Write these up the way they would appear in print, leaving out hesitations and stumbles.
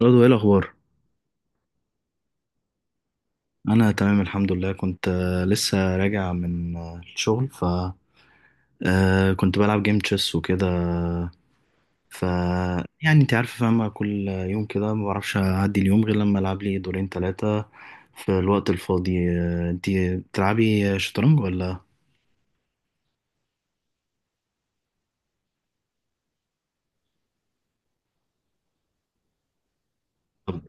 برضو ايه الاخبار؟ انا تمام الحمد لله. كنت لسه راجع من الشغل. ف آه، كنت بلعب جيم تشيس وكده. ف يعني انت عارفه فاهمه، كل يوم كده ما بعرفش اعدي اليوم غير لما العب لي دورين ثلاثه في الوقت الفاضي. انت بتلعبي شطرنج ولا؟ طب،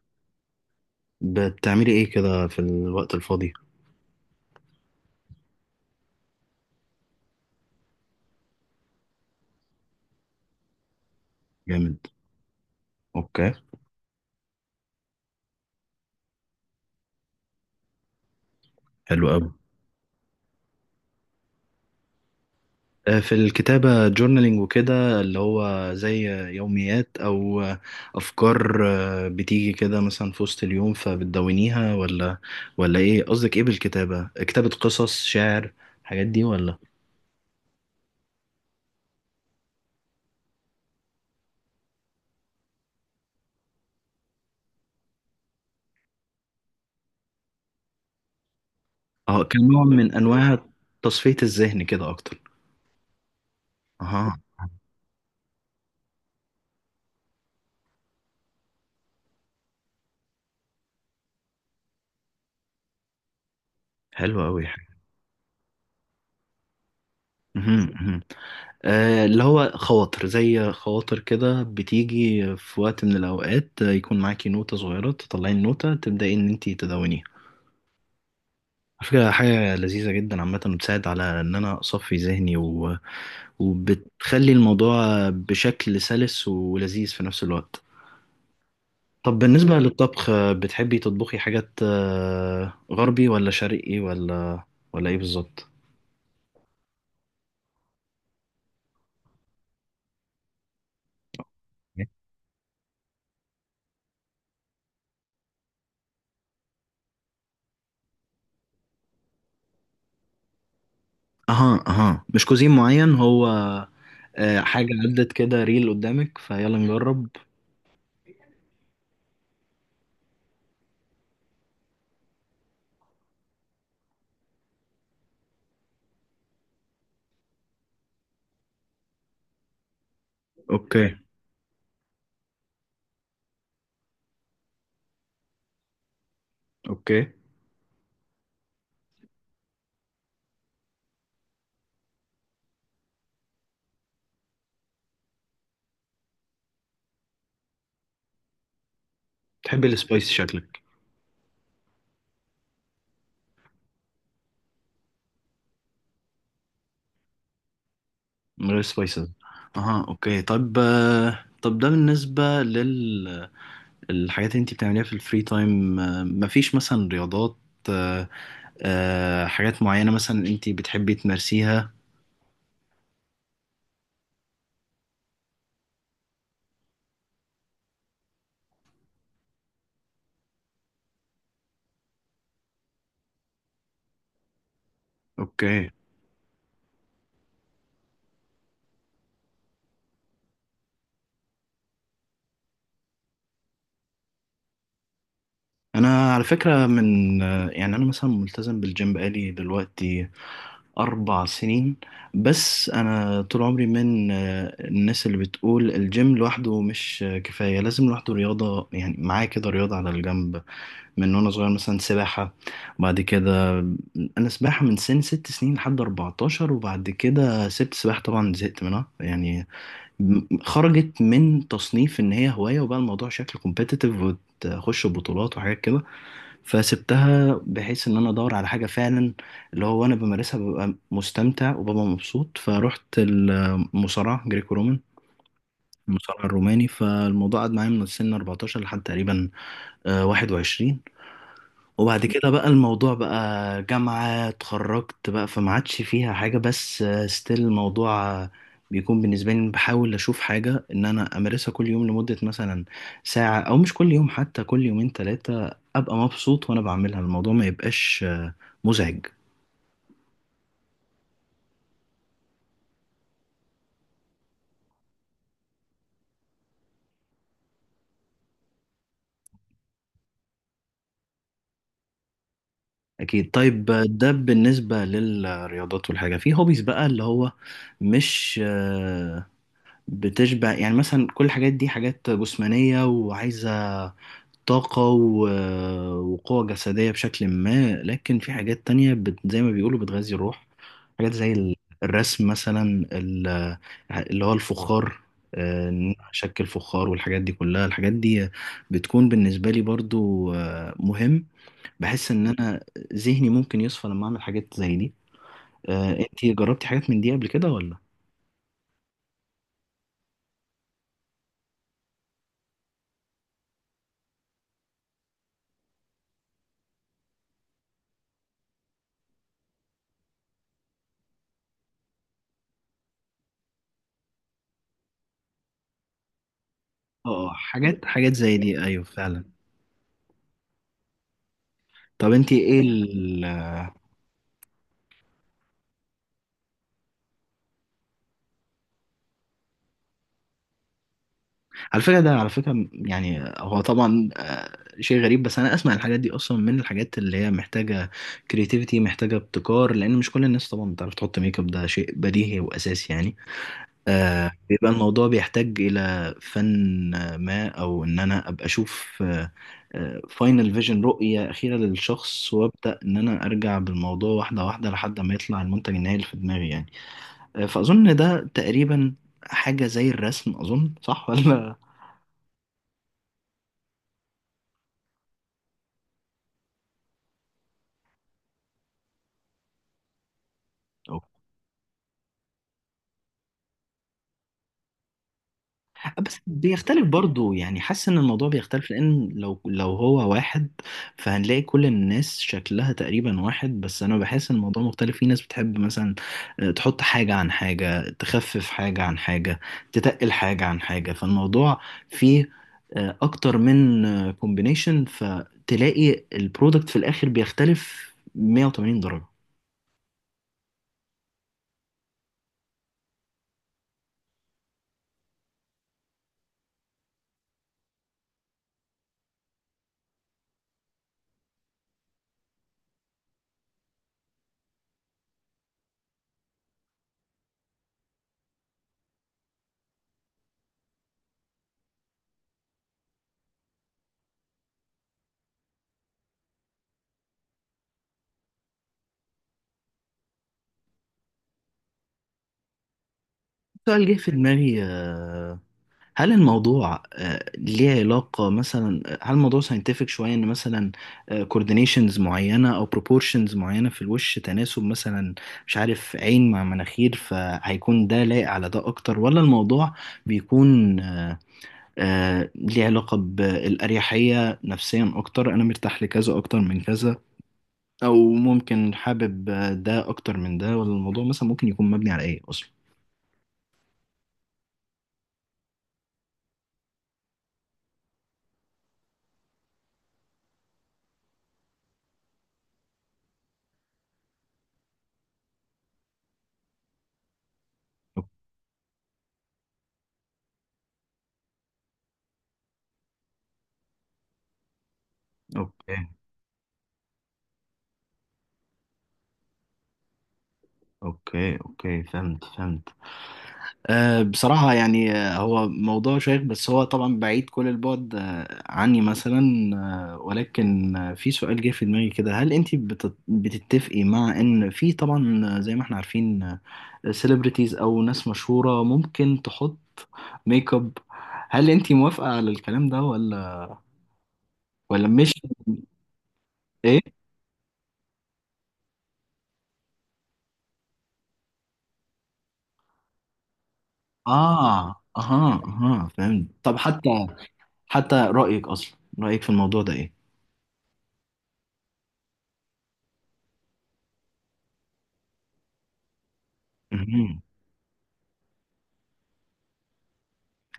بتعملي ايه كده في الوقت الفاضي؟ جامد. اوكي. حلو قوي. في الكتابة جورنالينج وكده، اللي هو زي يوميات أو أفكار بتيجي كده مثلا في وسط اليوم فبتدونيها ولا إيه قصدك إيه بالكتابة؟ كتابة قصص شعر الحاجات دي ولا؟ أه، كنوع من أنواع تصفية الذهن كده أكتر. أها. حلو أوي حلو. مهم، مهم. اللي هو خواطر، زي خواطر كده بتيجي في وقت من الأوقات يكون معاكي نوتة صغيرة تطلعي النوتة تبدأي إن أنتي تدونيها. على فكرة حاجة لذيذة جدا عامة، بتساعد على إن أنا أصفي ذهني و... وبتخلي الموضوع بشكل سلس ولذيذ في نفس الوقت. طب بالنسبة للطبخ، بتحبي تطبخي حاجات غربي ولا شرقي ولا ولا إيه بالظبط؟ أها أها مش كوزين معين هو. حاجة عدت كده ريل قدامك فيلا نجرب. أوكي. أوكي. تحبي السبايس شكلك. من غير سبايسز. أها أوكي. طب طب ده بالنسبة الحاجات اللي انت بتعمليها في الفري تايم، مفيش مثلا رياضات، آه، حاجات معينة مثلا انت بتحبي تمارسيها؟ اوكي. انا على فكرة من يعني انا مثلا ملتزم بالجيم بقالي دلوقتي 4 سنين. بس أنا طول عمري من الناس اللي بتقول الجيم لوحده مش كفاية، لازم لوحده رياضة، يعني معاه كده رياضة على الجنب من وانا صغير، مثلا سباحة. بعد كده، انا سباحة من سن 6 سنين لحد 14، وبعد كده سبت سباحة طبعا زهقت منها يعني. خرجت من تصنيف ان هي هواية، وبقى الموضوع شكل كومبيتيتيف وتخش بطولات وحاجات كده، فسبتها بحيث ان انا ادور على حاجة فعلا اللي هو وانا بمارسها ببقى مستمتع وببقى مبسوط. فرحت المصارعة جريكو رومان، المصارع الروماني. فالموضوع قعد معايا من سن 14 لحد تقريبا 21، وبعد كده بقى الموضوع بقى جامعة، اتخرجت بقى فما عادش فيها حاجة. بس ستيل الموضوع بيكون بالنسبة لي إن بحاول أشوف حاجة إن أنا أمارسها كل يوم لمدة مثلا ساعة، أو مش كل يوم حتى، كل يومين تلاتة أبقى مبسوط وأنا بعملها، الموضوع ما يبقاش مزعج. أكيد. طيب ده بالنسبة للرياضات، والحاجة في هوبيز بقى اللي هو مش بتشبع يعني. مثلا كل الحاجات دي حاجات جسمانية وعايزة طاقة و... وقوة جسدية بشكل ما، لكن في حاجات تانية زي ما بيقولوا بتغذي الروح. حاجات زي الرسم مثلا، ال- اللي هو الفخار، إن أنا أشكل فخار والحاجات دي كلها. الحاجات دي بتكون بالنسبة لي برضو مهم. بحس إن أنا ذهني ممكن يصفى لما أعمل حاجات زي دي. أنتي جربتي حاجات من دي قبل كده ولا؟ اه، حاجات حاجات زي دي أيوه فعلا. طب أنتي إيه؟ على فكرة ده، على فكرة يعني هو طبعا شيء غريب، بس أنا أسمع الحاجات دي أصلا من الحاجات اللي هي محتاجة كرياتيفيتي، محتاجة ابتكار، لأن مش كل الناس طبعا بتعرف تحط ميك اب، ده شيء بديهي وأساسي يعني. بيبقى الموضوع بيحتاج إلى فن ما، أو إن أنا أبقى أشوف فاينل فيجن، رؤية أخيرة للشخص، وأبدأ إن أنا أرجع بالموضوع واحدة واحدة لحد ما يطلع المنتج النهائي اللي في دماغي يعني. فأظن ده تقريبا حاجة زي الرسم، أظن صح ولا؟ بس بيختلف برضو يعني، حاسس ان الموضوع بيختلف، لان لو هو واحد فهنلاقي كل الناس شكلها تقريبا واحد. بس انا بحس ان الموضوع مختلف، في ناس بتحب مثلا تحط حاجة عن حاجة، تخفف حاجة عن حاجة، تتقل حاجة عن حاجة. فالموضوع فيه اكتر من كومبينيشن، فتلاقي البرودكت في الاخر بيختلف 180 درجة. سؤال جه في دماغي، هل الموضوع ليه علاقة مثلا؟ هل الموضوع ساينتفك شوية ان مثلا كوردينيشنز معينة او بروبورشنز معينة في الوش تناسب مثلا، مش عارف، عين مع مناخير، فهيكون ده لايق على ده اكتر؟ ولا الموضوع بيكون ليه علاقة بالأريحية نفسيا اكتر، انا مرتاح لكذا اكتر من كذا، او ممكن حابب ده اكتر من ده؟ ولا الموضوع مثلا ممكن يكون مبني على ايه اصلا؟ اوكي اوكي اوكي، فهمت فهمت. أه بصراحة يعني، هو موضوع شيق، بس هو طبعا بعيد كل البعد عني مثلا. ولكن في سؤال جه في دماغي كده، هل انت بتتفقي مع ان في طبعا، زي ما احنا عارفين، سيلبرتيز او ناس مشهورة ممكن تحط ميك اب، هل انت موافقة على الكلام ده ولا مش؟ ايه. اه، اها اها فهمت. طب حتى رأيك اصلا، رأيك في الموضوع ده ايه؟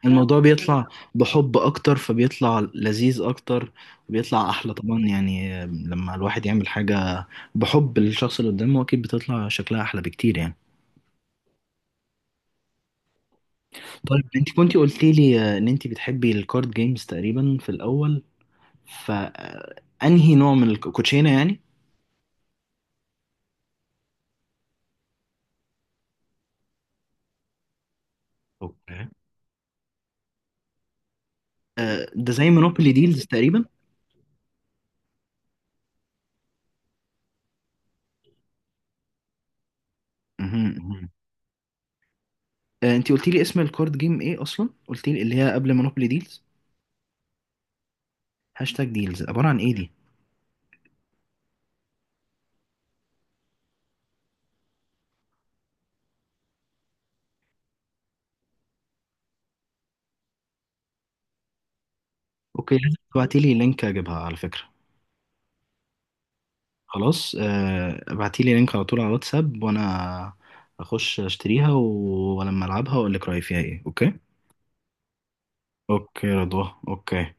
الموضوع بيطلع بحب اكتر فبيطلع لذيذ اكتر، وبيطلع احلى طبعا يعني، لما الواحد يعمل حاجة بحب للشخص اللي قدامه اكيد بتطلع شكلها احلى بكتير يعني. طيب انت كنتي قلتي لي ان انت بتحبي الكارد جيمز تقريبا في الاول، فانهي نوع من الكوتشينة يعني؟ اوكي. ده زي مونوبولي ديلز تقريبا؟ مهم، مهم. انت قلتي لي اسم الكارد جيم ايه اصلا؟ قلتي لي اللي هي قبل مونوبولي ديلز. هاشتاج ديلز عبارة عن ايه دي؟ اوكي، لازم تبعتي لي لينك اجيبها على فكرة. خلاص، ابعتيلي لينك على طول على واتساب، وانا اخش اشتريها ولما العبها واقول لك رايي فيها ايه. اوكي. اوكي يا رضوى. اوكي.